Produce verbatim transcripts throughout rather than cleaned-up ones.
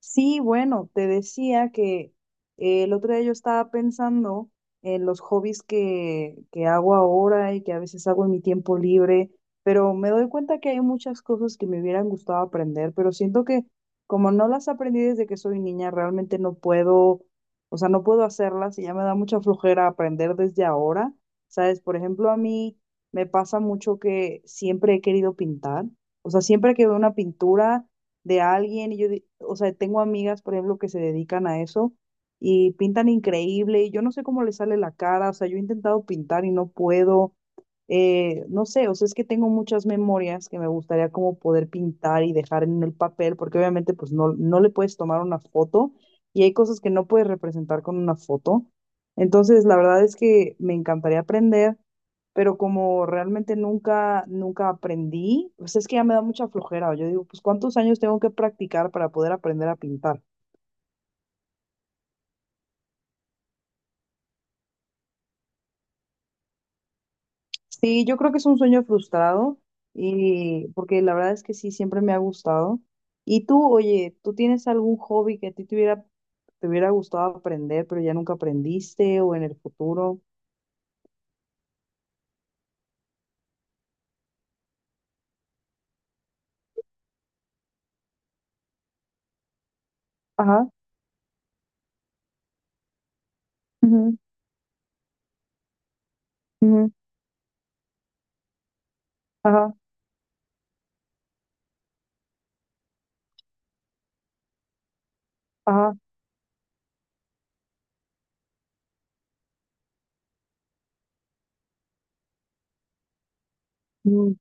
Sí, bueno, te decía que eh, el otro día yo estaba pensando en los hobbies que, que hago ahora y que a veces hago en mi tiempo libre, pero me doy cuenta que hay muchas cosas que me hubieran gustado aprender, pero siento que como no las aprendí desde que soy niña, realmente no puedo, o sea, no puedo hacerlas y ya me da mucha flojera aprender desde ahora. ¿Sabes? Por ejemplo, a mí me pasa mucho que siempre he querido pintar, o sea, siempre que veo una pintura de alguien y yo, di- o sea, tengo amigas, por ejemplo, que se dedican a eso y pintan increíble y yo no sé cómo les sale la cara, o sea, yo he intentado pintar y no puedo, eh, no sé, o sea, es que tengo muchas memorias que me gustaría como poder pintar y dejar en el papel, porque obviamente pues no, no le puedes tomar una foto y hay cosas que no puedes representar con una foto. Entonces, la verdad es que me encantaría aprender, pero como realmente nunca, nunca aprendí, pues es que ya me da mucha flojera. Yo digo, pues ¿cuántos años tengo que practicar para poder aprender a pintar? Sí, yo creo que es un sueño frustrado, y porque la verdad es que sí, siempre me ha gustado. Y tú, oye, ¿tú tienes algún hobby que a ti te hubiera, te hubiera gustado aprender, pero ya nunca aprendiste o en el futuro? Ajá, ujú, ujú, ajá, ajá, ujú.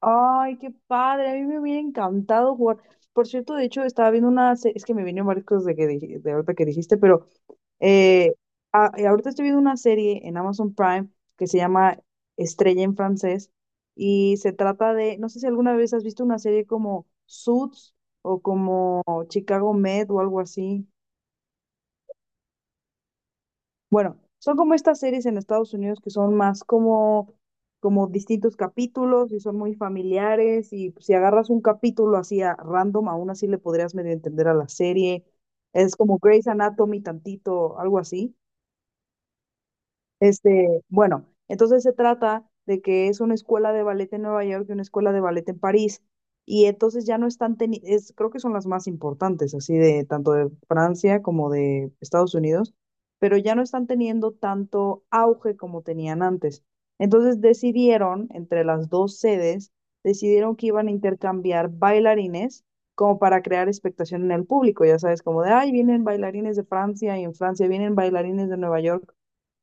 Ay, qué padre, a mí me hubiera encantado jugar. Por cierto, de hecho, estaba viendo una, se- es que me vino Marcos de que dij- de ahorita que dijiste, pero eh, a- eh, ahorita estoy viendo una serie en Amazon Prime que se llama Estrella en francés y se trata de, no sé si alguna vez has visto una serie como Suits o como Chicago Med o algo así. Bueno, son como estas series en Estados Unidos que son más como, como distintos capítulos y son muy familiares y pues, si agarras un capítulo así a random, aún así le podrías medio entender a la serie. Es como Grey's Anatomy tantito, algo así. Este, bueno, entonces se trata de que es una escuela de ballet en Nueva York y una escuela de ballet en París. Y entonces ya no están teniendo, creo que son las más importantes, así de tanto de Francia como de Estados Unidos, pero ya no están teniendo tanto auge como tenían antes. Entonces decidieron, entre las dos sedes, decidieron que iban a intercambiar bailarines como para crear expectación en el público, ya sabes, como de, ay, vienen bailarines de Francia y en Francia vienen bailarines de Nueva York.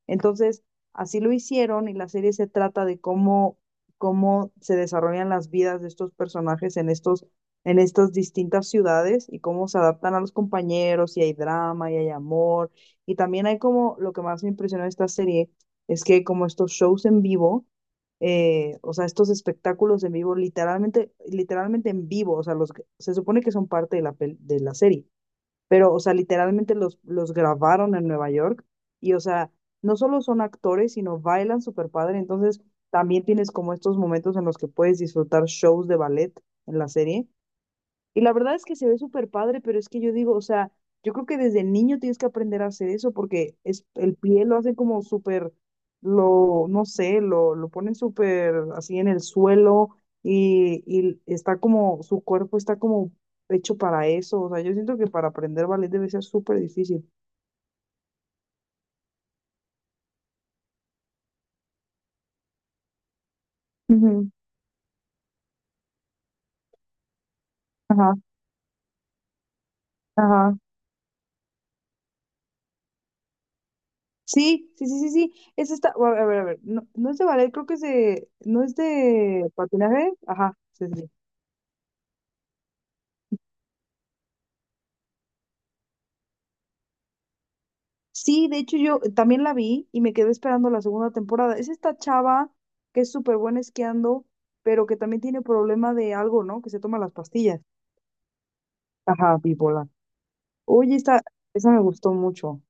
Entonces, así lo hicieron y la serie se trata de cómo, cómo se desarrollan las vidas de estos personajes en estos, en estas distintas ciudades y cómo se adaptan a los compañeros y hay drama y hay amor. Y también hay como, lo que más me impresionó de esta serie es que como estos shows en vivo, eh, o sea, estos espectáculos en vivo, literalmente, literalmente en vivo, o sea, los, que- se supone que son parte de la, pel- de la serie, pero, o sea, literalmente los, los grabaron en Nueva York y, o sea, no solo son actores, sino bailan súper padre, entonces también tienes como estos momentos en los que puedes disfrutar shows de ballet en la serie y la verdad es que se ve súper padre, pero es que yo digo, o sea, yo creo que desde niño tienes que aprender a hacer eso porque es, el pie lo hace como súper, lo, no sé, lo, lo ponen súper así en el suelo y, y está como, su cuerpo está como hecho para eso. O sea, yo siento que para aprender ballet debe ser súper difícil. Ujú, ajá, ajá. Sí, sí, sí, sí, sí. Es esta, a ver, a ver, a ver. No, no es de ballet, creo que es de, no es de patinaje. Ajá, sí, sí, sí. Sí, de hecho yo también la vi y me quedé esperando la segunda temporada. Es esta chava que es súper buena esquiando, pero que también tiene problema de algo, ¿no? Que se toma las pastillas. Ajá, bipolar. Oye, esta, esa me gustó mucho.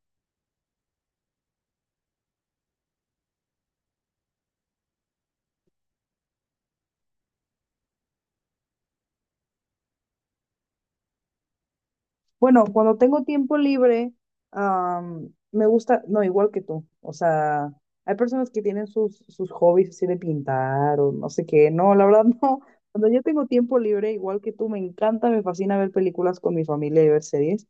Bueno, cuando tengo tiempo libre, am, me gusta, no, igual que tú. O sea, hay personas que tienen sus, sus hobbies así de pintar o no sé qué. No, la verdad no. Cuando yo tengo tiempo libre, igual que tú, me encanta, me fascina ver películas con mi familia y ver series.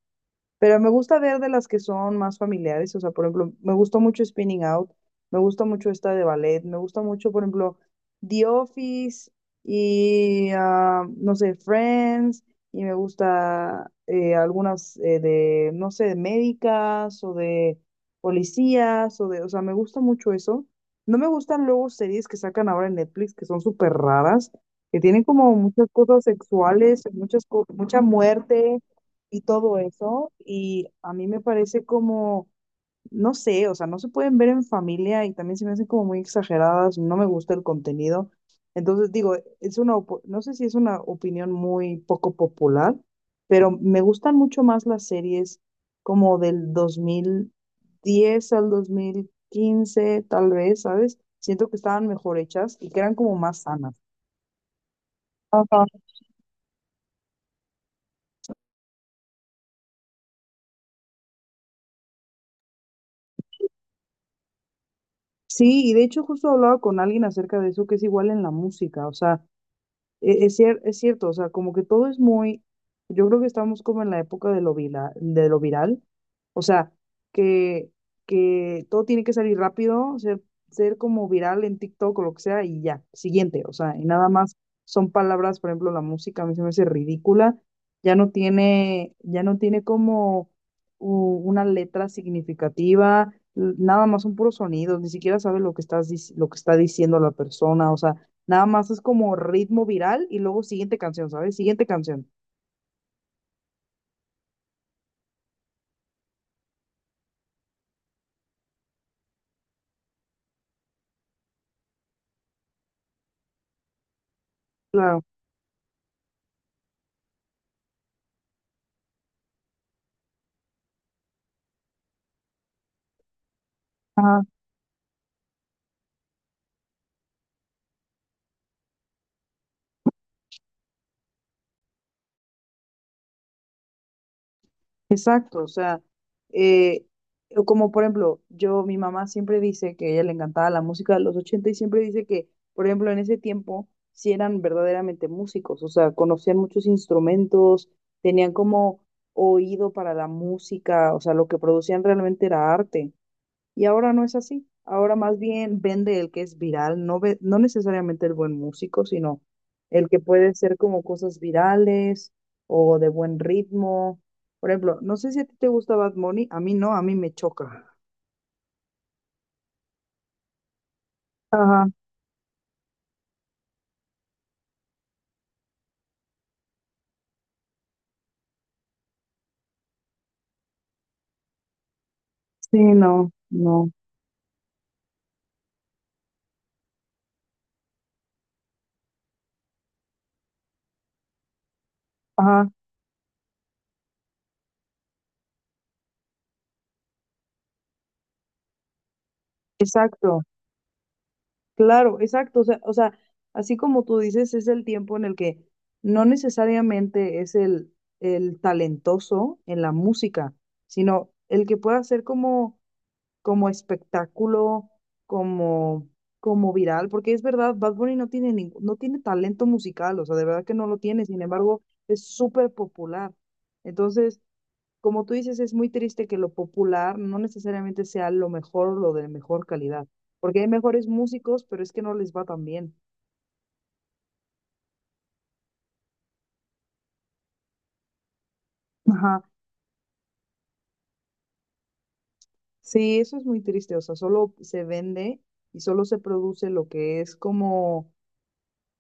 Pero me gusta ver de las que son más familiares, o sea, por ejemplo, me gustó mucho Spinning Out, me gusta mucho esta de ballet, me gusta mucho, por ejemplo, The Office y, ah, no sé, Friends, y me gusta eh, algunas eh, de, no sé, de médicas o de policías, o de, o sea, me gusta mucho eso. No me gustan luego series que sacan ahora en Netflix que son súper raras, que tienen como muchas cosas sexuales, muchas, co- mucha muerte y todo eso, y a mí me parece como, no sé, o sea, no se pueden ver en familia y también se me hacen como muy exageradas, no me gusta el contenido. Entonces digo, es una, opo- no sé si es una opinión muy poco popular, pero me gustan mucho más las series como del dos mil diez al dos mil quince tal vez, ¿sabes? Siento que estaban mejor hechas y que eran como más sanas. Ajá. Sí, y de hecho justo hablaba con alguien acerca de eso, que es igual en la música, o sea, e- Es, cier- es cierto, o sea, como que todo es muy, yo creo que estamos como en la época de lo vila- de lo viral, o sea, que, que todo tiene que salir rápido, ser, ser como viral en TikTok o lo que sea y ya, siguiente, o sea, y nada más son palabras, por ejemplo, la música a mí se me hace ridícula, ya no tiene, ya no tiene como u- una letra significativa, l- nada más son puros sonidos, ni siquiera sabe lo que estás, dic- lo que está diciendo la persona, o sea, nada más es como ritmo viral y luego siguiente canción, ¿sabes? Siguiente canción. Claro. Ajá. Exacto, o sea, eh, como por ejemplo, yo, mi mamá siempre dice que a ella le encantaba la música de los ochenta y siempre dice que, por ejemplo, en ese tiempo sí eran verdaderamente músicos, o sea, conocían muchos instrumentos, tenían como oído para la música, o sea, lo que producían realmente era arte. Y ahora no es así. Ahora más bien vende el que es viral, no ve, no necesariamente el buen músico, sino el que puede ser como cosas virales o de buen ritmo. Por ejemplo, no sé si a ti te gusta Bad Bunny, a mí no, a mí me choca. Ajá, sí, no, no. Ajá, exacto, claro, exacto. O sea, o sea, así como tú dices, es el tiempo en el que no necesariamente es el, el talentoso en la música, sino el que pueda ser como como espectáculo, como, como viral, porque es verdad, Bad Bunny no tiene ningún, no tiene talento musical, o sea, de verdad que no lo tiene, sin embargo, es súper popular. Entonces, como tú dices, es muy triste que lo popular no necesariamente sea lo mejor o lo de mejor calidad, porque hay mejores músicos, pero es que no les va tan bien. Ajá. Sí, eso es muy triste, o sea, solo se vende y solo se produce lo que es como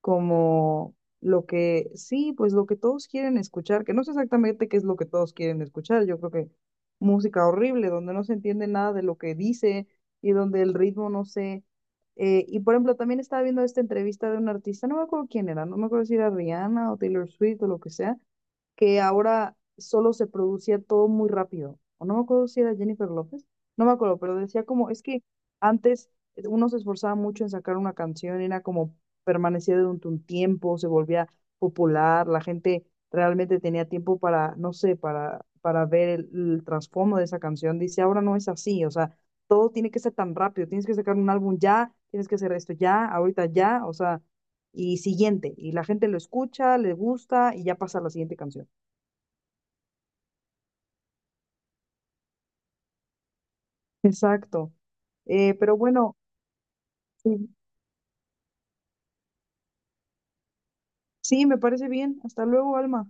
como lo que, sí, pues lo que todos quieren escuchar, que no sé exactamente qué es lo que todos quieren escuchar, yo creo que música horrible, donde no se entiende nada de lo que dice y donde el ritmo no sé. Eh, y por ejemplo, también estaba viendo esta entrevista de un artista, no me acuerdo quién era, no me acuerdo si era Rihanna o Taylor Swift o lo que sea, que ahora solo se producía todo muy rápido. O no me acuerdo si era Jennifer López, no me acuerdo, pero decía como, es que antes uno se esforzaba mucho en sacar una canción, era como permanecía durante un tiempo, se volvía popular, la gente realmente tenía tiempo para, no sé, para, para ver el, el trasfondo de esa canción. Dice, ahora no es así, o sea, todo tiene que ser tan rápido, tienes que sacar un álbum ya, tienes que hacer esto ya, ahorita ya, o sea, y siguiente, y la gente lo escucha, le gusta y ya pasa a la siguiente canción. Exacto. Eh, pero bueno, sí, sí, me parece bien. Hasta luego, Alma.